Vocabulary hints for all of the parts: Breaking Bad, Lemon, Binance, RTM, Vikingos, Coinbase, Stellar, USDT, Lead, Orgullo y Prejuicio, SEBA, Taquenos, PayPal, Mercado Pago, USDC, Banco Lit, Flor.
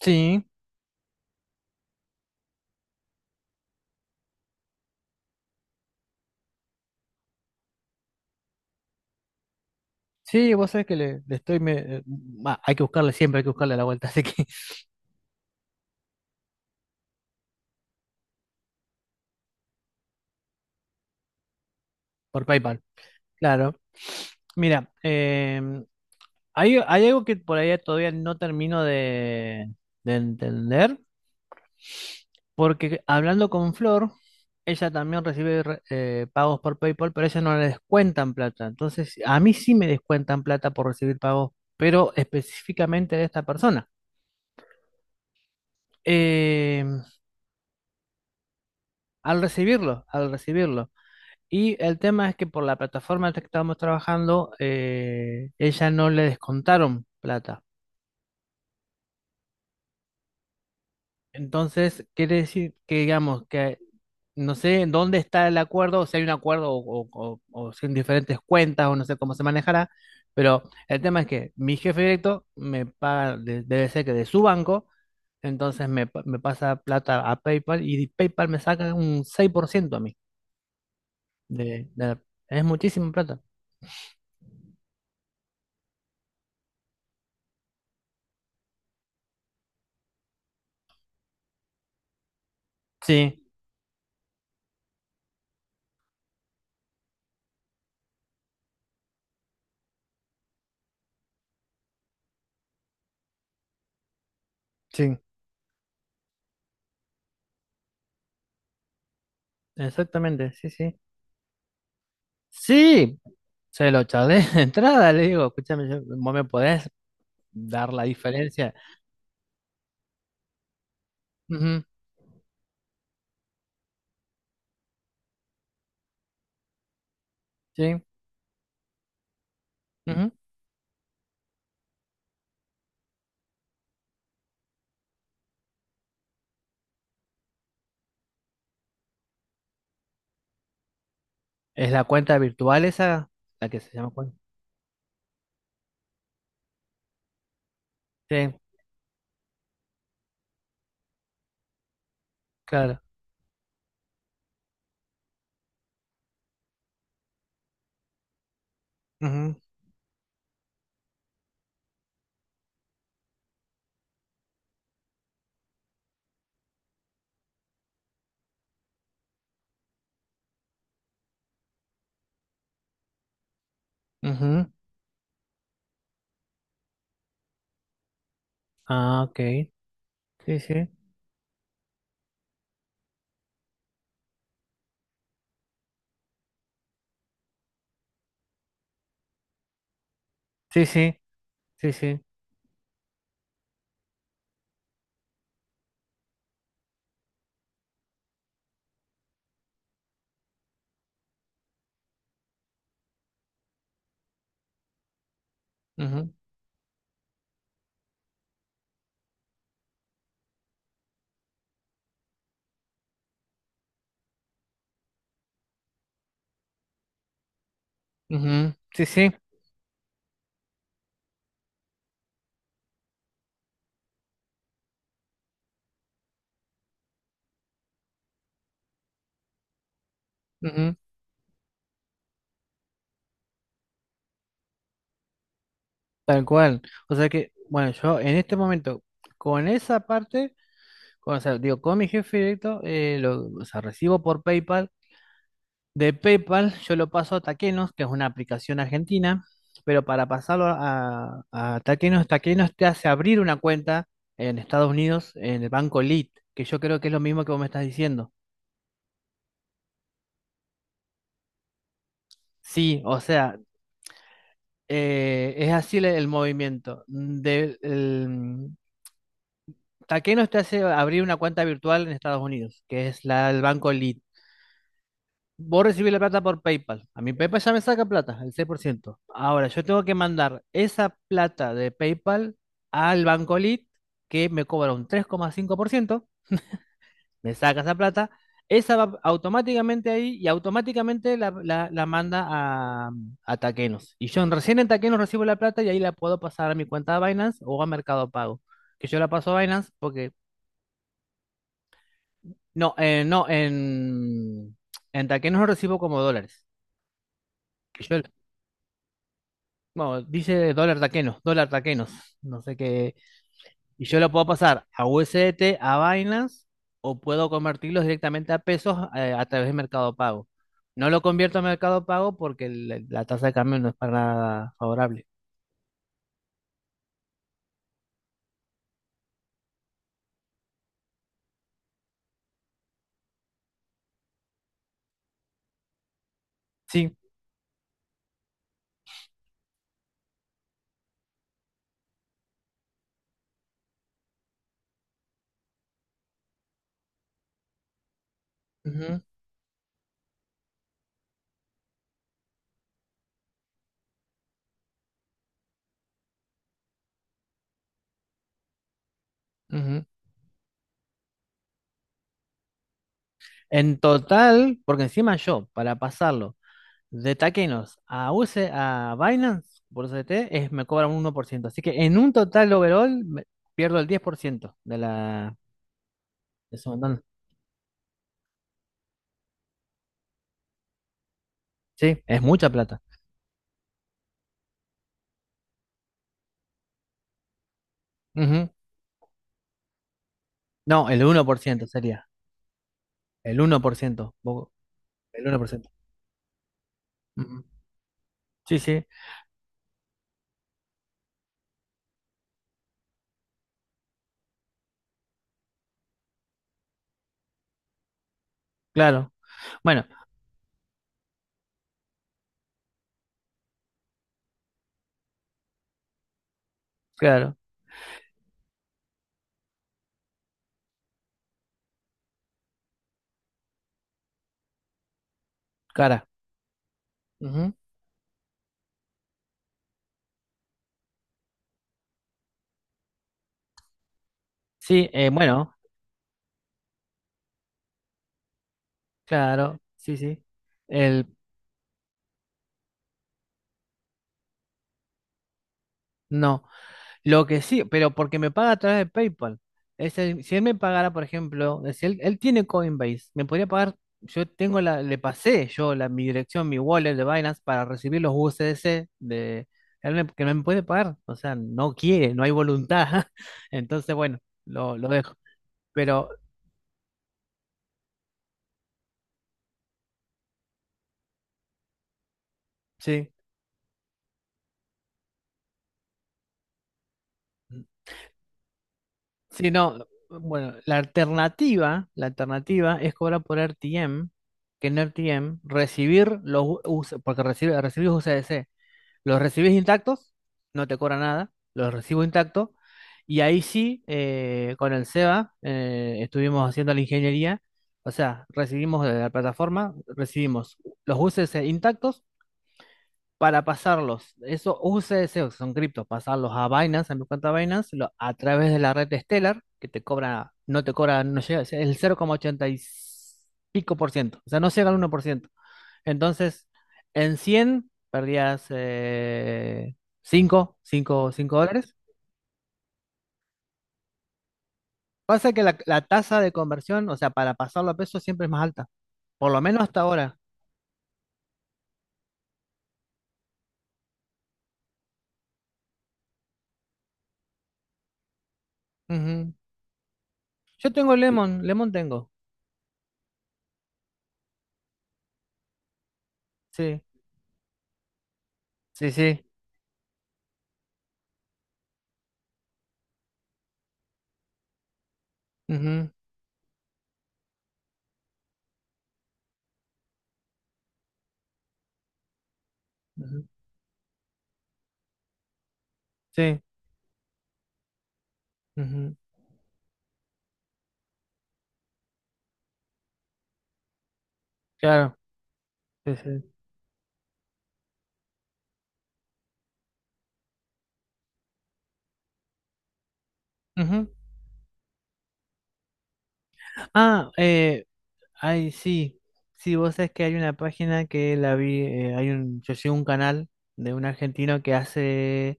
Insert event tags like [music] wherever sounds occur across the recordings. Sí, sí, vos sabés que le estoy... bah, hay que buscarle siempre, hay que buscarle la vuelta, [laughs] así que por PayPal. Claro. Mira, em, hay algo que por ahí todavía no termino de entender, porque hablando con Flor, ella también recibe pagos por PayPal, pero a ella no le descuentan plata. Entonces, a mí sí me descuentan plata por recibir pagos, pero específicamente de esta persona. Em, al recibirlo, al recibirlo. Y el tema es que por la plataforma en la que estábamos trabajando, ella no le descontaron plata. Entonces, quiere decir que, digamos, que no sé en dónde está el acuerdo, o si hay un acuerdo o o- si en diferentes cuentas o no sé cómo se manejará, pero el tema es que mi jefe directo me paga, debe ser que de su banco, entonces me pasa plata a PayPal y PayPal me saca un 6% a mí. De, de la- es muchísima plata. Sí, sí, exactamente, sí, sí. Sí, se lo charlé [laughs] de entrada, le digo, escúchame, vos me podés dar la diferencia. Ujú, sí, ujú. Es la cuenta virtual esa, la que se llama cuenta. Sí, claro. Ujú, ujú. Ah, ok. Sí, sí, sí, sí, sí, sí. Ujú, ujú. Sí, sí, ujú. Tal cual. O sea que, bueno, yo en este momento, con esa parte, o sea, digo, con mi jefe directo, o sea, recibo por PayPal. De PayPal yo lo paso a Taquenos, que es una aplicación argentina, pero para pasarlo a Taquenos, Taquenos te hace abrir una cuenta en Estados Unidos en el banco Lead, que yo creo que es lo mismo que vos me estás diciendo. Sí, o sea, es así el movimiento. Taquenos te hace abrir una cuenta virtual en Estados Unidos, que es la, el banco Lead. Vos recibís la plata por PayPal. A mi PayPal ya me saca plata, el 6%. Ahora, yo tengo que mandar esa plata de PayPal al Banco Lit, que me cobra un 3,5%. Me saca esa plata, esa va automáticamente ahí y automáticamente la manda a Taquenos. Y yo recién en Taquenos recibo la plata y ahí la puedo pasar a mi cuenta de Binance o a Mercado Pago. Que yo la paso a Binance porque... No, no, en Taquenos lo recibo como dólares. Que yo, Bueno, dice dólar taquenos, dólar taquenos. No sé qué. Y yo lo puedo pasar a USDT, a Binance, o puedo convertirlos directamente a pesos a través de Mercado Pago. No lo convierto a Mercado Pago porque la tasa de cambio no es para nada favorable. Sí. Ujú, ujú. En total, porque encima yo, para pasarlo de taquenos a USD, a Binance, por USDT, me cobran un 1%. Así que en un total overall pierdo el 10% de la... de su montante. Sí, es mucha plata. Ujú. No, el 1% sería. El 1%. Poco. El 1%. Ujú. Sí, sí, claro. Bueno, claro, cara. Ujú. Sí, bueno, claro, sí, sí. El, no. Lo que sí, pero porque me paga a través de PayPal. Es si él me pagara, por ejemplo, si él tiene Coinbase, me podría pagar, yo tengo la, le pasé yo la, mi dirección, mi wallet de Binance para recibir los USDC de él que no me puede pagar. O sea, no quiere, no hay voluntad. [laughs] Entonces, bueno, lo dejo. Pero sí, sí, no. Bueno, la alternativa es cobrar por RTM, que en RTM recibir los US, porque recibir USDC. Los recibes intactos, no te cobra nada, los recibo intactos. Y ahí sí, con el SEBA, estuvimos haciendo la ingeniería, o sea, recibimos de la plataforma, recibimos los UCS intactos para pasarlos, esos UCS, que son criptos, pasarlos a Binance, a mi cuenta Binance, a través de la red de Stellar, que te cobra, no llega, es el 0,80 y pico por ciento, o sea, no llega al 1%. Entonces, en 100 perdías cinco dólares. Pasa que la tasa de conversión, o sea, para pasarlo a pesos siempre es más alta. Por lo menos hasta ahora. Ujú. Yo tengo Lemon, Lemon tengo. Sí, sí, sí. Ujú, ujú. Sí, ujú. Claro. Sí, sí. Ujú. Ah, ay, sí. Sí, vos sabés que hay una página que la vi, yo sigo un canal de un argentino que hace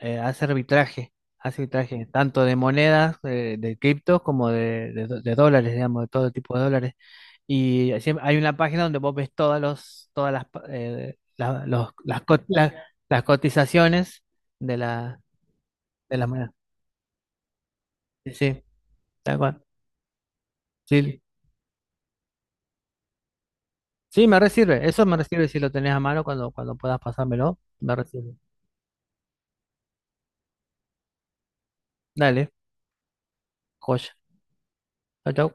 eh, hace arbitraje, hace arbitraje tanto de monedas, de criptos, como de, de dólares, digamos, de todo tipo de dólares. Y hay una página donde vos ves todas las, las cotizaciones de, de las monedas. Sí, sí, tal cual. Sí, sí, me resirve. Eso me resirve si lo tenés a mano cuando, cuando puedas pasármelo. Me resirve. Dale, joya. Chau, chau.